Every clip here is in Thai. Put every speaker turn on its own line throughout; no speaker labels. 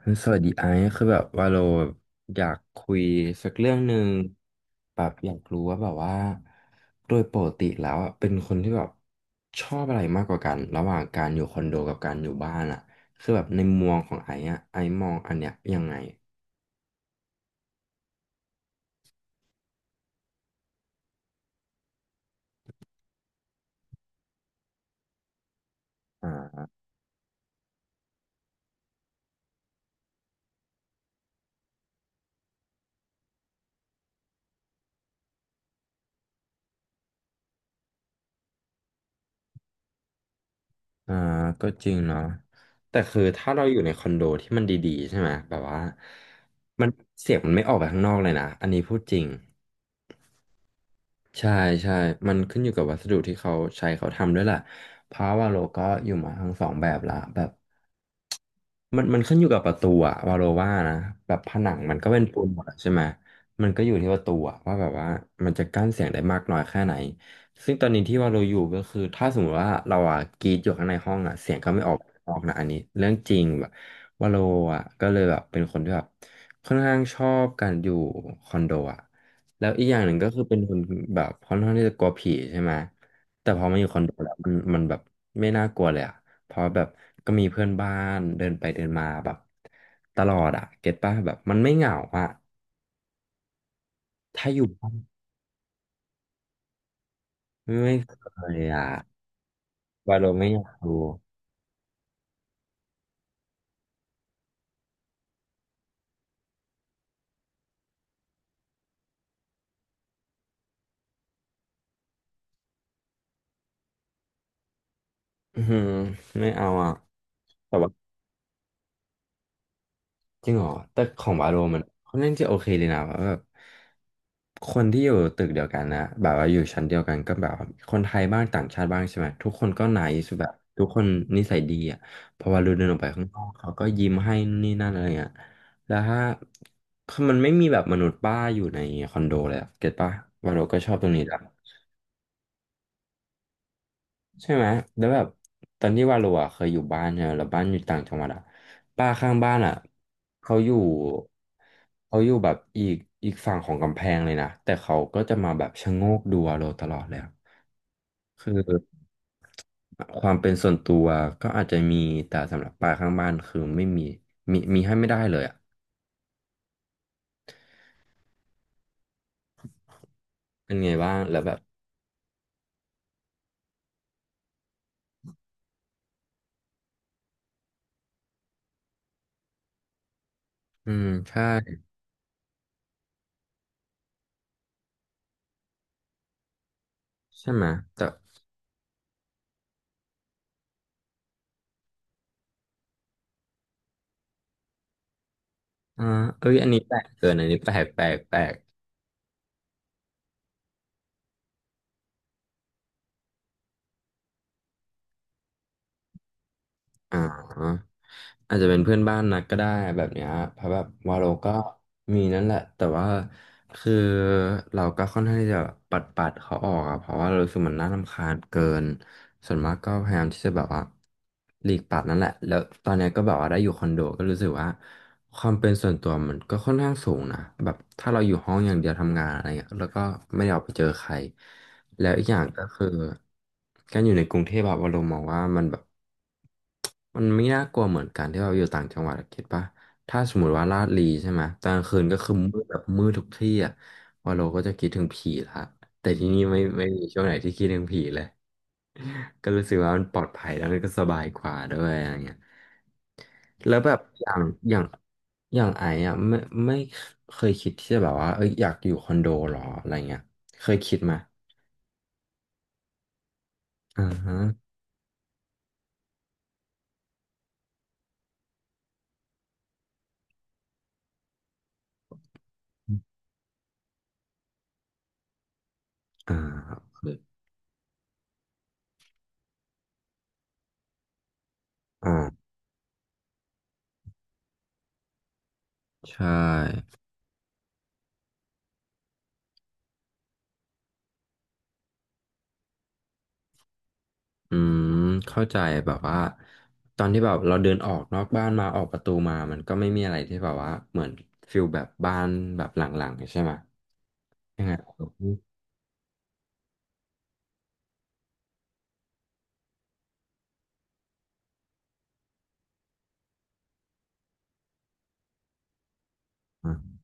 เฮ้ยสวัสดีไอซ์คือแบบว่าเราอยากคุยสักเรื่องหนึ่งแบบอยากรู้ว่าแบบว่าโดยปกติแล้วอะเป็นคนที่แบบชอบอะไรมากกว่ากันระหว่างการอยู่คอนโดกับการอยู่บ้านอ่ะคือแบบในมุมมองของไอซ์อ่ะไอซ์มองอันเนี้ยยังไงอ่าอ่าก็จริงเนาะแต่คือถ้าเราอยู่ในคอนโดที่มันดีๆใช่ไหมแบบว่ามันเสียงมันไม่ออกไปข้างนอกเลยนะอันนี้พูดจริง ใช่ใช่มันขึ้นอยู่กับวัสดุที่เขาใช้เขาทำด้วยแหละเพราะว่าโลก็อยู่มาทั้งสองแบบละแบบ มันขึ้นอยู่กับประตูอะวาโลว่านะแบบผนังมันก็เป็นปูนหมดอะใช่ไหมมันก็อยู่ที่ประตูอะว่าแบบว่ามันจะกั้นเสียงได้มากน้อยแค่ไหนซึ่งตอนนี้ที่วาโลอยู่ก็คือถ้าสมมติว่าเราอะกรีดอยู่ข้างในห้องอะเสียงก็ไม่ออกออกนะอันนี้เรื่องจริงแบบวาโลอะก็เลยแบบเป็นคนที่แบบค่อนข้างชอบการอยู่คอนโดอะแล้วอีกอย่างหนึ่งก็คือเป็นคนแบบค่อนข้างที่จะกลัวผีใช่ไหมแต่พอมาอยู่คอนโดแล้วมันแบบไม่น่ากลัวเลยอะ เพราะแบบก็มีเพื่อนบ้านเดินไปเดินมาแบบตลอดอะเก็ตป่ะแบบมันไม่เหงาอะถ้าอยู่บ้านไม่เคยอะวาโลไม่อยากดูอืมไม่เอาอ่ะแต่ว่า จริงเหรอแต่ของวาโลมันค่อนข้างจะโอเคเลยนะว่าแบบคนที่อยู่ตึกเดียวกันนะแบบว่าอยู่ชั้นเดียวกันก็แบบว่าคนไทยบ้างต่างชาติบ้างใช่ไหมทุกคนก็ไนซ์แบบทุกคนนิสัยดีอ่ะพอวาโลเดินออกไปข้างนอกเขาก็ยิ้มให้นู่นนี่นั่นอะไรเงี้ยแล้วถ้าคือมันไม่มีแบบมนุษย์ป้าอยู่ในคอนโดเลยอะเก็ตปะวาโลก็ชอบตรงนี้แหละ ใช่ไหมแล้วแบบตอนที่ว่าเราอะเคยอยู่บ้านเนี่ยแล้วบ้านอยู่ต่างจังหวัดอะป้าข้างบ้านอะเขาอยู่เขาอยู่แบบอีกฝั่งของกำแพงเลยนะแต่เขาก็จะมาแบบชะโงกดูเราตลอดเลยอะคือความเป็นส่วนตัวก็อาจจะมีแต่สำหรับป้าข้างบ้านคือไม่มีมีให้ไม่ได้เลยอะเป็นไงบ้างแล้วแบบอืมใช่ใช่ไหมแต่อ่าเอ้ยอันนี้แปลกเกินอันนี้แปลกแปลก อ่าอาจจะเป็นเพื่อนบ้านนัดก็ได้แบบเนี้ยเพราะแบบวาโลก็มีนั่นแหละแต่ว่าคือเราก็ค่อนข้างที่จะปัดเขาออกอะเพราะว่าเรารู้สึกมันน่ารำคาญเกินส่วนมากก็พยายามที่จะแบบว่าหลีกปัดนั่นแหละแล้วตอนเนี้ยก็แบบว่าได้อยู่คอนโดก็รู้สึกว่าความเป็นส่วนตัวมันก็ค่อนข้างสูงนะแบบถ้าเราอยู่ห้องอย่างเดียวทำงานอะไรเงี้ยแล้วก็ไม่ได้ออกไปเจอใคร แล้วอีกอย่างก็คือการอยู่ในกรุงเทพอะวาโลมมองว่ามันแบบมันไม่น่ากลัวเหมือนการที่เราอยู่ต่างจังหวัดอะคิดป่ะถ้าสมมติว่าลาดลีใช่ไหมตอนกลางคืนก็คือมืดแบบมืดทุกที่อะวอลโลก็จะคิดถึงผีละแต่ที่นี่ไม่มีช่วงไหนที่คิดถึงผีเลยก็รู้สึกว่ามันปลอดภัยแล้วมันก็สบายกว่าด้วยอะไรเงี้ยแล้วแบบอย่างอย่างไอ้อะไม่เคยคิดที่จะแบบว่าเอ้ยอยากอยู่คอนโดหรออะไรเงี้ยเคยคิดไหมอ่าฮะ อ่าอ่าใช่อืมเข้าใจแบบว่าตอนที่แบบเราเดินออกนอกบ้านมาออกประตูมามันก็ไม่มีอะไรที่แบบว่าเหมือนฟิลแบบบ้านแบบหลังๆใช่ไหมยังไงอือ่า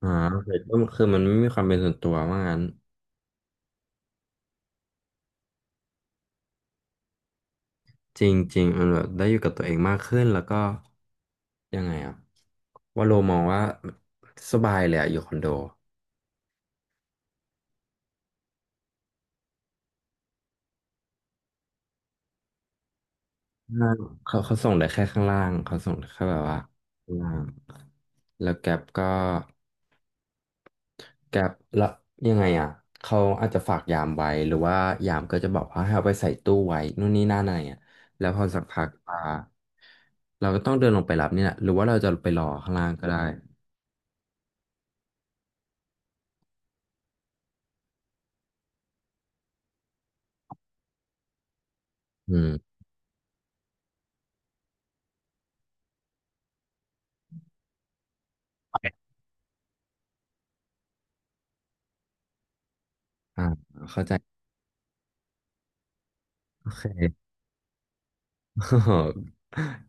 อ่าโอเคก็คือมันไม่มีความเป็นส่วนตัวว่างั้นจริงๆมันแบบได้อยู่กับตัวเองมากขึ้นแล้วก็ยังไงอ่ะว่าโลมองว่าสบายเลยอะอยู่คอนโดล่างเขาเขาส่งได้แค่ข้างล่างเขาส่งได้แค่แบบว่าข้างล่าง แล้วแกป็แล้วยังไงอ่ะเขาอาจจะฝากยามไว้หรือว่ายามก็จะบอกว่าให้เอาไปใส่ตู้ไว้นู่นนี่นั่นอะไรอ่ะแล้วพอสักพักอ่าเราก็ต้องเดินลงไปรับนี่แหละหรือว่าเราจะไปรอข้างล่างก็ได้อืมอ่าเข้าใจ โอเค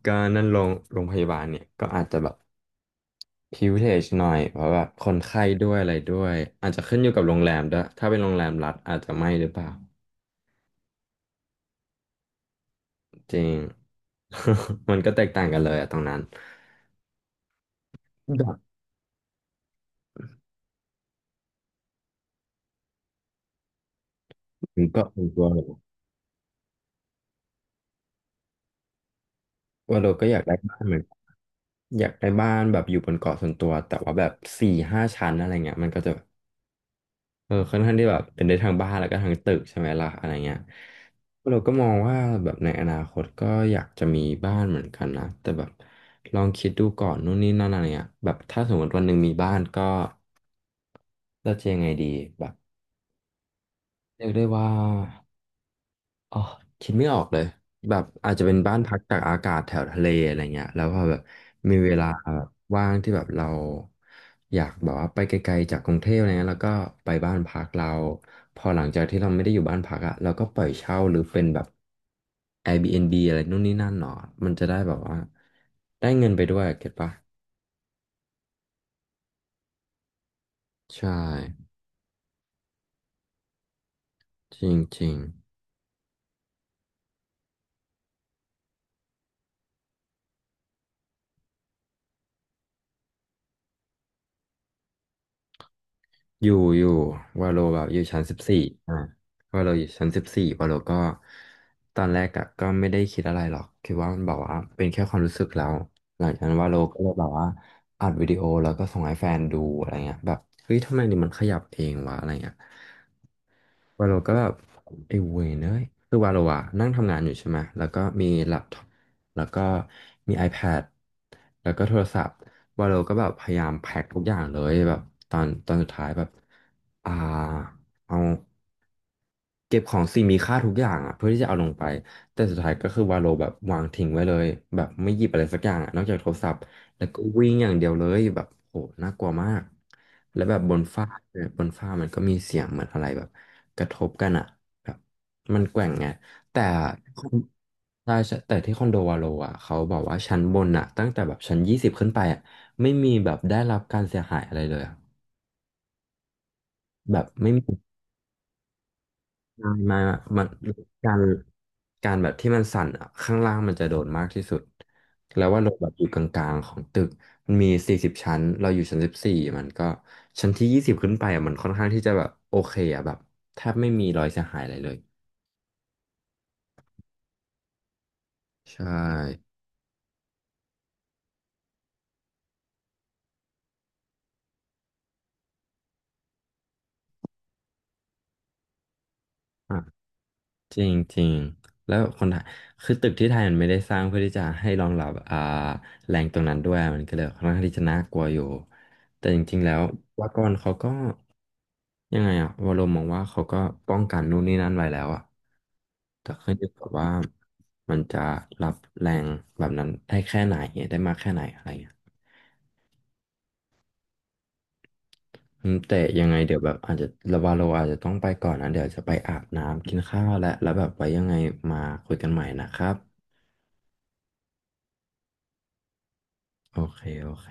ก็นั่นโรงพยาบาลเนี่ยก็อาจจะแบบ privilege หน่อยเพราะแบบคนไข้ด้วยอะไรด้วยอาจจะขึ้นอยู่กับโรงแรมด้วยถ้าเป็นโรงแรมรัฐอาจจะไม่หรือเปล่า จริง มันก็แตกต่างกันเลยอะตรงนั้นดอกมันก็เป็นตัวเนูว่าเราก็อยากได้บ้านเหมือนกันอยากได้บ้านแบบอยู่บนเกาะส่วนตัวแต่ว่าแบบสี่ห้าชั้นอะไรเงี้ยมันก็จะเออค่อนข้างที่แบบเป็นได้ทั้งบ้านแล้วก็ทั้งตึกใช่ไหมล่ะอะไรเงี้ยเราก็มองว่าแบบในอนาคตก็อยากจะมีบ้านเหมือนกันนะแต่แบบลองคิดดูก่อนนู่นนี่นั่นอะไรเงี้ยแบบถ้าสมมติวันหนึ่งมีบ้านก็เราจะยังไงดีแบบเรียกได้ว่า อ๋อคิดไม่ออกเลยแบบอาจจะเป็นบ้านพักตากอากาศแถวทะเลอะไรเงี้ยแล้วพอแบบมีเวลาว่างที่แบบเราอยากแบบว่าไปไกลๆจากกรุงเทพอะไรเงี้ยแล้วก็ไปบ้านพักเราพอหลังจากที่เราไม่ได้อยู่บ้านพักอะเราก็ปล่อยเช่าหรือเป็นแบบ Airbnb อะไรนู่นนี่นั่นหนอมันจะได้แบบว่าได้เงินไปด้วยเก็ตปะใช่จริง อยู่อยู่วาโลแบบอยู่ชั้นสิบสี่อ่าวาโลอยู่ชั้นสิบสี่วาโลก็ตอนแรกอะก็ไม่ได้คิดอะไรหรอกคิดว่ามันแบบว่าเป็นแค่ความรู้สึกแล้วหลังจากนั้นวาโลก็เลยแบบว่าอัดวิดีโอแล้วก็ส่งให้แฟนดูอะไรเงี้ยแบบเฮ้ยทำไมนี่มันขยับเองวะอะไรเงี้ย วาโลก็แบบไอ้เวยเนยคือวาโลอะนั่งทำงานอยู่ใช่ไหมแล้วก็มีแล็ปท็อปแล้วก็มี iPad แล้วก็โทรศัพท์วาโลก็แบบพยายามแพ็คทุกอย่างเลยแบบตอนสุดท้ายแบบอ่าเอา เก็บของสิ่งมีค่าทุกอย่างอ่ะเพื่อที่จะเอาลงไปแต่สุดท้ายก็คือวาโลแบบวางทิ้งไว้เลยแบบไม่หยิบอะไรสักอย่างอะนอกจากโทรศัพท์แล้วก็วิ่งอย่างเดียวเลยแบบโหน่ากลัวมากแล้วแบบบนฟ้าเนี่ยบนฟ้ามันก็มีเสียงเหมือนอะไรแบบกระทบกันอ่ะแบบมันแกว่งไงแต่คนใช่ใช่แต่ที่คอนโดวาโลอ่ะเขาบอกว่าชั้นบนอ่ะตั้งแต่แบบชั้น 20ขึ้นไปอ่ะไม่มีแบบได้รับการเสียหายอะไรเลยอะแบบไม่มี ไม่ไมามันการการแบบที่มันสั่นอะข้างล่างมันจะโดนมากที่สุด แล้วว่าเราแบบอยู่กลางๆของตึก มันมี40 ชั้น เราอยู่ชั้น 14มันก็ชั้นที่ 20ขึ้นไปอะมันค่อนข้างที่จะแบบโอเคอะแบบแทบไม่มีรอยเสียหายอะไรเลยใช่ จริงจริงแล้วคนไทยคือตึกที่ไทยมันไม่ได้สร้างเพื่อที่จะให้รองรับแรงตรงนั้นด้วยมันก็เลยค่อนข้างที่จะน่ากลัวอยู่แต่จริงๆแล้ววากอนเขาก็ยังไงอะวรมมองว่าเขาก็ป้องกันนู่นนี่นั่นไว้แล้วอะแต่ขึ้นอยู่กับว่ามันจะรับแรงแบบนั้นได้แค่ไหนได้มากแค่ไหนอะไรอย่างเงี้ยอืมแต่ยังไงเดี๋ยวแบบอาจจะระวาโลอาจจะต้องไปก่อนนะเดี๋ยวจะไปอาบน้ำกินข้าวและแล้วแบบไว้ยังไงมาคุยกันใหม่นะครับ โอเค โอเค